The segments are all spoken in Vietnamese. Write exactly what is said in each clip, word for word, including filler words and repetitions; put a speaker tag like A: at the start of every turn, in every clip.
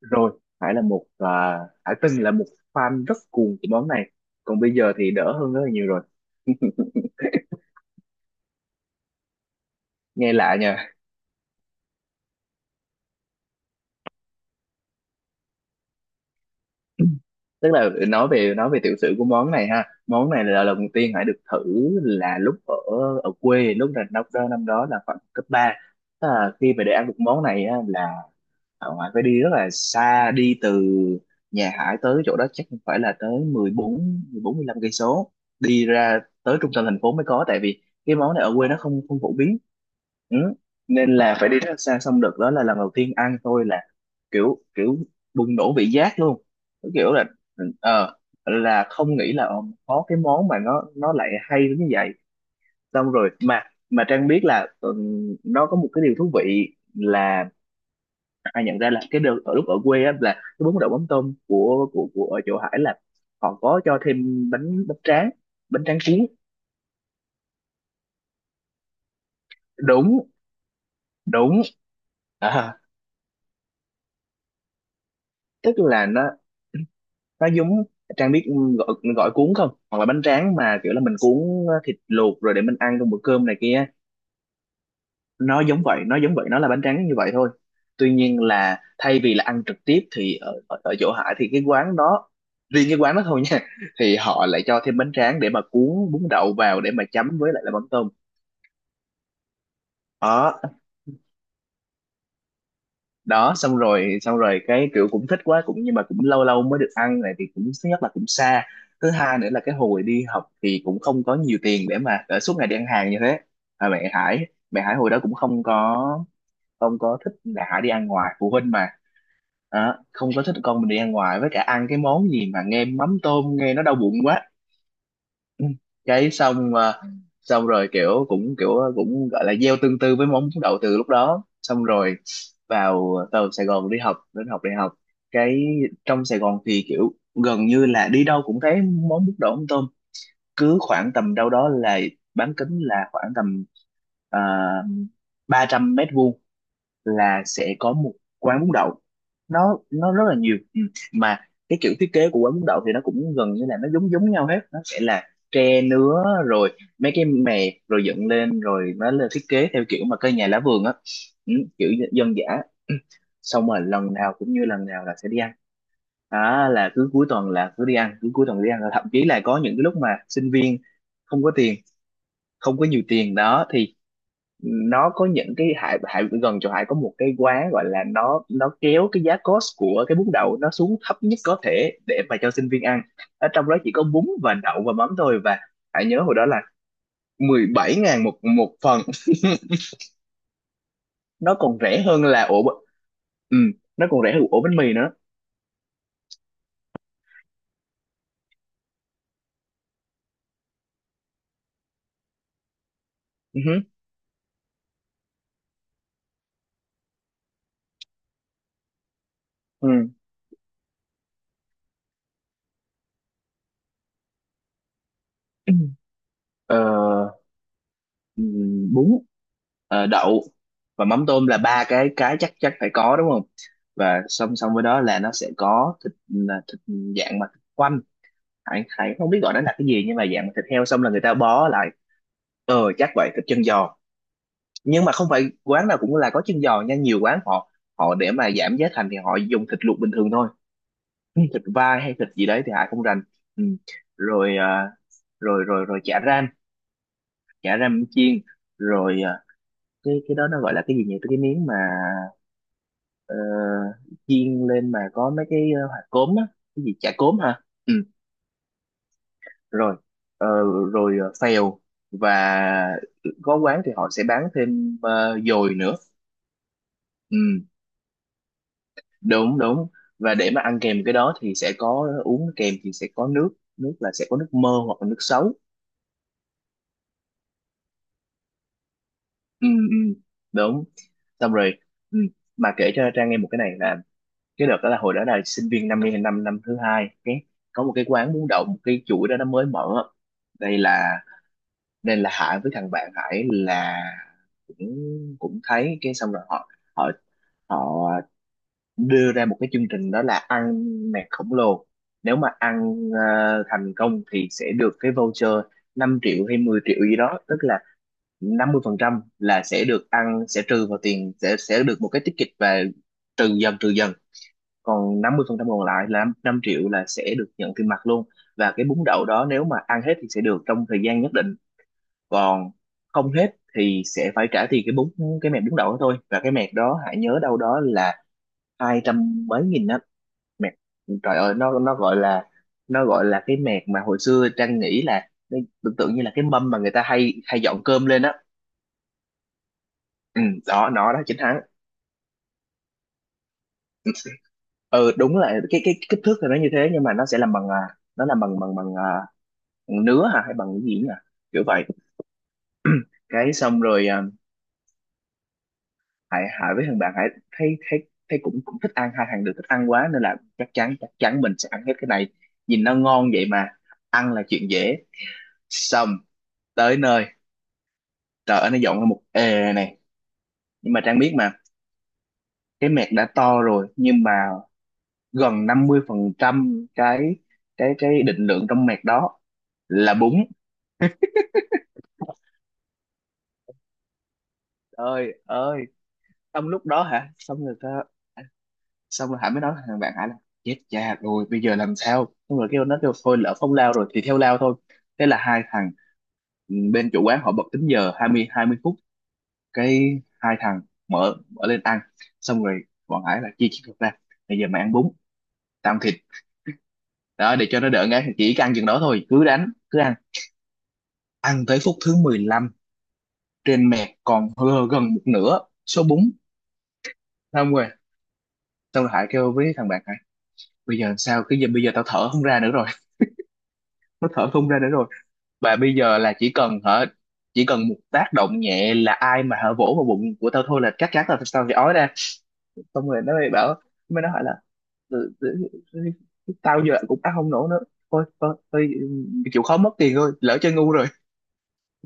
A: Rồi Hải là một à, Hải từng là một fan rất cuồng của món này, còn bây giờ thì đỡ hơn rất là nhiều rồi. Nghe lạ nha. Tức là nói về nói về tiểu sử của món này ha, món này là lần đầu tiên Hải được thử là lúc ở ở quê, lúc là năm đó năm đó là khoảng cấp ba. Tức là khi mà để ăn được món này á, là ở ngoài phải đi rất là xa, đi từ nhà Hải tới chỗ đó chắc cũng phải là tới mười mười bốn mười bốn mười bốn lăm cây số, đi ra tới trung tâm thành phố mới có, tại vì cái món này ở quê nó không không phổ biến. Ừ. Nên là phải đi rất là xa, xong đợt đó là lần đầu tiên ăn tôi là kiểu kiểu bùng nổ vị giác luôn. Cái kiểu là ờ là không nghĩ là ờ, có cái món mà nó nó lại hay đến như vậy, xong rồi mà mà Trang biết là ừ, nó có một cái điều thú vị là ai nhận ra là cái đợt ở lúc ở quê á, là cái bún đậu mắm tôm của của của ở chỗ Hải là họ có cho thêm bánh bánh tráng, bánh tráng cuốn. Đúng, đúng, à, tức là nó nó giống, Trang biết, gọi gọi cuốn không, hoặc là bánh tráng mà kiểu là mình cuốn ờ, thịt luộc rồi để mình ăn trong bữa cơm này kia, nó giống vậy nó giống vậy nó là bánh tráng như vậy thôi. Tuy nhiên là thay vì là ăn trực tiếp thì ở, ở, ở chỗ Hải thì cái quán đó, riêng cái quán đó thôi nha, thì họ lại cho thêm bánh tráng để mà cuốn bún đậu vào để mà chấm với lại là mắm tôm. Đó, đó, xong rồi, xong rồi cái kiểu cũng thích quá cũng, nhưng mà cũng lâu lâu mới được ăn này, thì cũng thứ nhất là cũng xa, thứ hai nữa là cái hồi đi học thì cũng không có nhiều tiền để mà để suốt ngày đi ăn hàng như thế. À, mẹ Hải mẹ Hải hồi đó cũng không có không có thích mẹ Hải đi ăn ngoài, phụ huynh mà. Đó, không có thích con mình đi ăn ngoài, với cả ăn cái món gì mà nghe mắm tôm nghe nó đau bụng quá. Ừ. Cái xong mà, xong rồi kiểu cũng kiểu cũng gọi là gieo tương tư với món đậu từ lúc đó. Xong rồi vào vào Sài Gòn đi học, đến học đại học, cái trong Sài Gòn thì kiểu gần như là đi đâu cũng thấy món bún đậu mắm tôm, cứ khoảng tầm đâu đó là bán kính là khoảng tầm uh, ba trăm mét vuông là sẽ có một quán bún đậu. Nó nó rất là nhiều. Ừ. Mà cái kiểu thiết kế của quán bún đậu thì nó cũng gần như là nó giống giống nhau hết. Nó sẽ là tre nứa rồi mấy cái mè rồi dựng lên, rồi nó lên thiết kế theo kiểu mà cây nhà lá vườn á, ừ, kiểu dân dã. Ừ. Xong rồi lần nào cũng như lần nào là sẽ đi ăn. Đó là cứ cuối tuần là cứ đi ăn, cứ cuối tuần đi ăn, thậm chí là có những cái lúc mà sinh viên không có tiền, không có nhiều tiền đó thì nó có những cái, Hải Hải gần chỗ Hải có một cái quán gọi là, nó nó kéo cái giá cost của cái bún đậu nó xuống thấp nhất có thể để mà cho sinh viên ăn, ở trong đó chỉ có bún và đậu và mắm thôi. Và Hải nhớ hồi đó là mười bảy ngàn một một phần, nó còn rẻ hơn là ổ b-, ừ, nó còn rẻ hơn ổ bánh mì nữa. Ừ, hứ, ừ. Ờ, ừm, bún, ờ, đậu và mắm tôm là ba cái cái chắc chắc phải có đúng không. Và song song với đó là nó sẽ có thịt, là thịt dạng mà thịt quay, Thái Thái không biết gọi nó là cái gì, nhưng mà dạng thịt heo xong là người ta bó lại, ờ chắc vậy, thịt chân giò. Nhưng mà không phải quán nào cũng là có chân giò nha, nhiều quán họ, họ để mà giảm giá thành thì họ dùng thịt luộc bình thường thôi. Ừ, thịt vai hay thịt gì đấy thì Hải không rành. Ừ. Rồi à, rồi rồi rồi chả ram, chả ram chiên. Rồi à, cái cái đó nó gọi là cái gì nhỉ, cái miếng mà ờ, chiên lên mà có mấy cái ờ, hạt cốm á, cái gì, chả cốm hả. Ừ. Rồi ờ, rồi ờ, phèo, và có quán thì họ sẽ bán thêm ờ, dồi nữa. Ừ, đúng đúng, và để mà ăn kèm cái đó thì sẽ có, uống kèm thì sẽ có nước, nước là sẽ có nước mơ hoặc là nước sấu. Ừ, ừ, đúng. Xong rồi, ừ. Mà kể cho Trang nghe một cái này là cái đợt đó là hồi đó là sinh viên năm nay, năm năm thứ hai, cái có một cái quán bún đậu, một cái chuỗi đó nó mới mở, đây là, nên là Hải với thằng bạn Hải là cũng, cũng thấy, cái xong rồi họ họ họ đưa ra một cái chương trình, đó là ăn mẹt khổng lồ, nếu mà ăn ờ, thành công thì sẽ được cái voucher năm triệu hay mười triệu gì đó, tức là năm mươi phần trăm là sẽ được ăn, sẽ trừ vào tiền, sẽ sẽ được một cái ticket, và trừ dần, trừ dần, còn năm mươi phần trăm còn lại là năm triệu là sẽ được nhận tiền mặt luôn. Và cái bún đậu đó nếu mà ăn hết thì sẽ được, trong thời gian nhất định, còn không hết thì sẽ phải trả tiền cái bún, cái mẹt bún đậu đó thôi. Và cái mẹt đó hãy nhớ đâu đó là hai trăm mấy nghìn á, mẹt trời ơi, nó nó gọi là, nó gọi là cái mẹt mà hồi xưa Trang nghĩ là nó tưởng tượng như là cái mâm mà người ta hay hay dọn cơm lên á. Ừ, đó nó đó chính hắn. Ừ đúng là cái cái kích thước thì nó như thế, nhưng mà nó sẽ làm bằng à, nó làm bằng bằng bằng à, nứa hả hay bằng cái gì nhỉ, kiểu vậy. Cái xong rồi à, Hải Hải với thằng bạn Hải thấy thấy thấy cũng, cũng thích ăn, hai thằng đều thích ăn quá nên là chắc chắn chắc chắn mình sẽ ăn hết cái này, nhìn nó ngon vậy mà, ăn là chuyện dễ. Xong tới nơi, trời ơi nó dọn ra một ề này, nhưng mà Trang biết mà, cái mẹt đã to rồi, nhưng mà gần năm mươi phần trăm cái cái cái định lượng trong mẹt đó là bún. Ơi ơi, trong lúc đó hả, xong rồi ta, xong rồi Hải mới nói với thằng bạn Hải là chết cha rồi bây giờ làm sao, xong rồi kêu nó, kêu thôi lỡ không lao rồi thì theo lao thôi. Thế là hai thằng, ừ, bên chủ quán họ bật tính giờ hai mươi hai mươi phút, cái hai thằng mở mở lên ăn. Xong rồi bọn Hải là chia chiếc thịt ra, bây giờ mày ăn bún, tao ăn thịt, đó để cho nó đỡ ngán, chỉ ăn chừng đó thôi, cứ đánh cứ ăn. Ăn tới phút thứ mười lăm, trên mẹt còn hơ gần một nửa số bún. Xong rồi, xong rồi Hải kêu với thằng bạn Hải bây giờ làm sao, cái giờ bây giờ tao thở không ra nữa rồi. Nó thở không ra nữa rồi, và bây giờ là chỉ cần hả, chỉ cần một tác động nhẹ là ai mà hả vỗ vào bụng của tao thôi là cắt cắt tao tao sẽ ói ra. Xong rồi nó mới bảo, mới nó hỏi là "Ừ, ừ, ừ, ừ, tao giờ cũng ăn không nổi nữa, thôi thôi, thôi, chịu khó mất tiền thôi, lỡ chơi ngu rồi."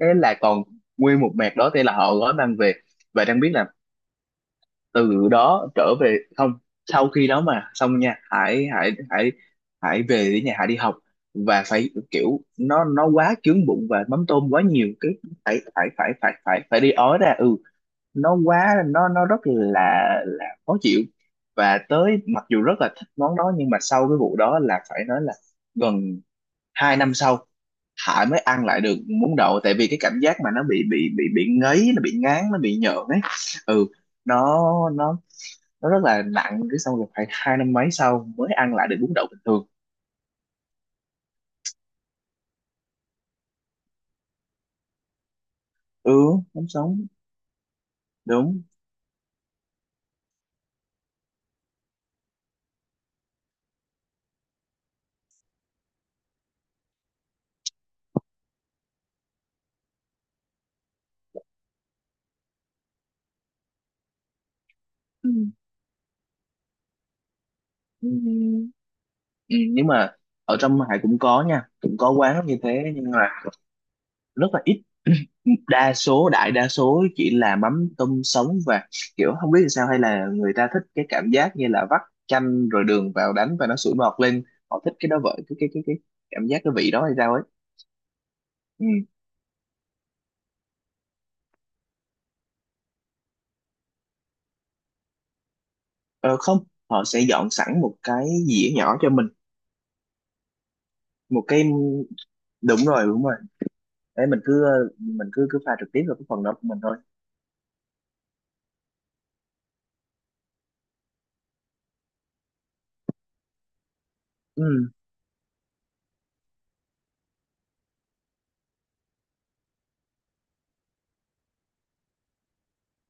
A: Thế là còn nguyên một mẹt đó, thế là họ gói mang về. Và đang biết là từ đó trở về không, sau khi đó mà xong nha, hãy hãy hãy hãy về đến nhà hãy đi học và phải kiểu nó nó quá chướng bụng và mắm tôm quá nhiều, cái phải phải phải phải phải phải đi ói ra. Ừ. Nó quá nó nó rất là là khó chịu. Và tới mặc dù rất là thích món đó, nhưng mà sau cái vụ đó là phải nói là gần hai năm sau Hải mới ăn lại được bún đậu, tại vì cái cảm giác mà nó bị bị bị bị ngấy, nó bị ngán, nó bị nhợn ấy. Ừ. nó nó nó rất là nặng, cái xong rồi phải hai năm mấy sau mới ăn lại được bún đậu bình thường. Ừ, không, sống đúng. Ừ, ừ, ừ. Nhưng mà ở trong Hải cũng có nha, cũng có quán như thế nhưng mà rất là ít. Đa số đại đa số chỉ là mắm tôm sống, và kiểu không biết làm sao, hay là người ta thích cái cảm giác như là vắt chanh rồi đường vào đánh và nó sủi bọt lên, họ thích cái đó vậy, cái cái cái cái cảm giác cái vị đó hay sao ấy. Ừ. Ờ, không, họ sẽ dọn sẵn một cái dĩa nhỏ cho mình một cái, đúng rồi, đúng rồi đấy mình cứ, mình cứ cứ pha trực tiếp vào cái phần đó của mình thôi. Ừ,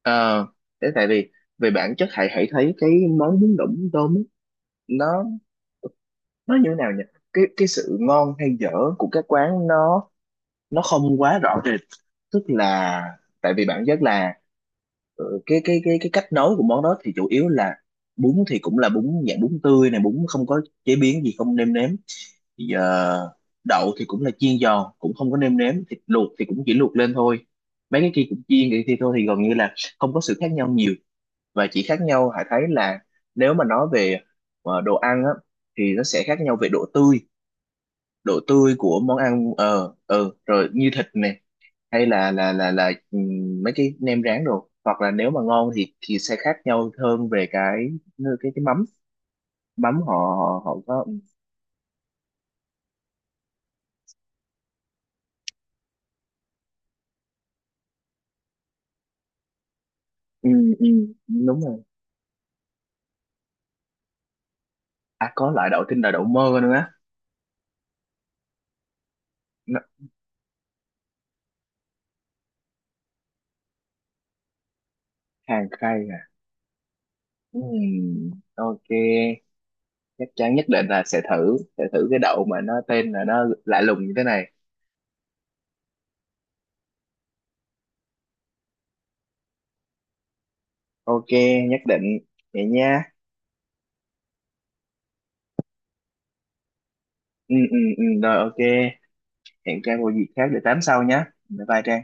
A: ờ, thế tại vì về bản chất hãy hãy thấy cái món bún đậu mắm tôm ấy, nó nó như thế nào nhỉ, cái cái sự ngon hay dở của các quán nó nó không quá rõ rệt, tức là, tại vì bản chất là ừ, cái cái cái cái cách nấu của món đó thì chủ yếu là bún thì cũng là bún dạng bún tươi này, bún không có chế biến gì, không nêm nếm thì giờ, đậu thì cũng là chiên giòn cũng không có nêm nếm, thịt luộc thì cũng chỉ luộc lên thôi, mấy cái kia cũng chiên vậy thì thôi thì gần như là không có sự khác nhau nhiều. Và chỉ khác nhau Hải thấy là, nếu mà nói về ờ, đồ ăn á, thì nó sẽ khác nhau về độ tươi, độ tươi của món ăn, ờ ờ, rồi như thịt nè, hay là là là là ừm, mấy cái nem rán đồ, hoặc là nếu mà ngon thì thì sẽ khác nhau hơn về cái cái cái mắm, mắm họ họ, họ có. Ừ, ừ, đúng rồi. À có loại đậu tinh là đậu mơ nữa á. Nó hàng cay à. Ừm, ok, chắc chắn nhất định là sẽ thử, sẽ thử cái đậu mà nó tên là nó lạ lùng như thế này. Ok, nhất định. Vậy nha. Ừ, ừ, ừ, rồi ok. Hẹn Trang vào dịp khác để tám sau nhé. Bye bye Trang.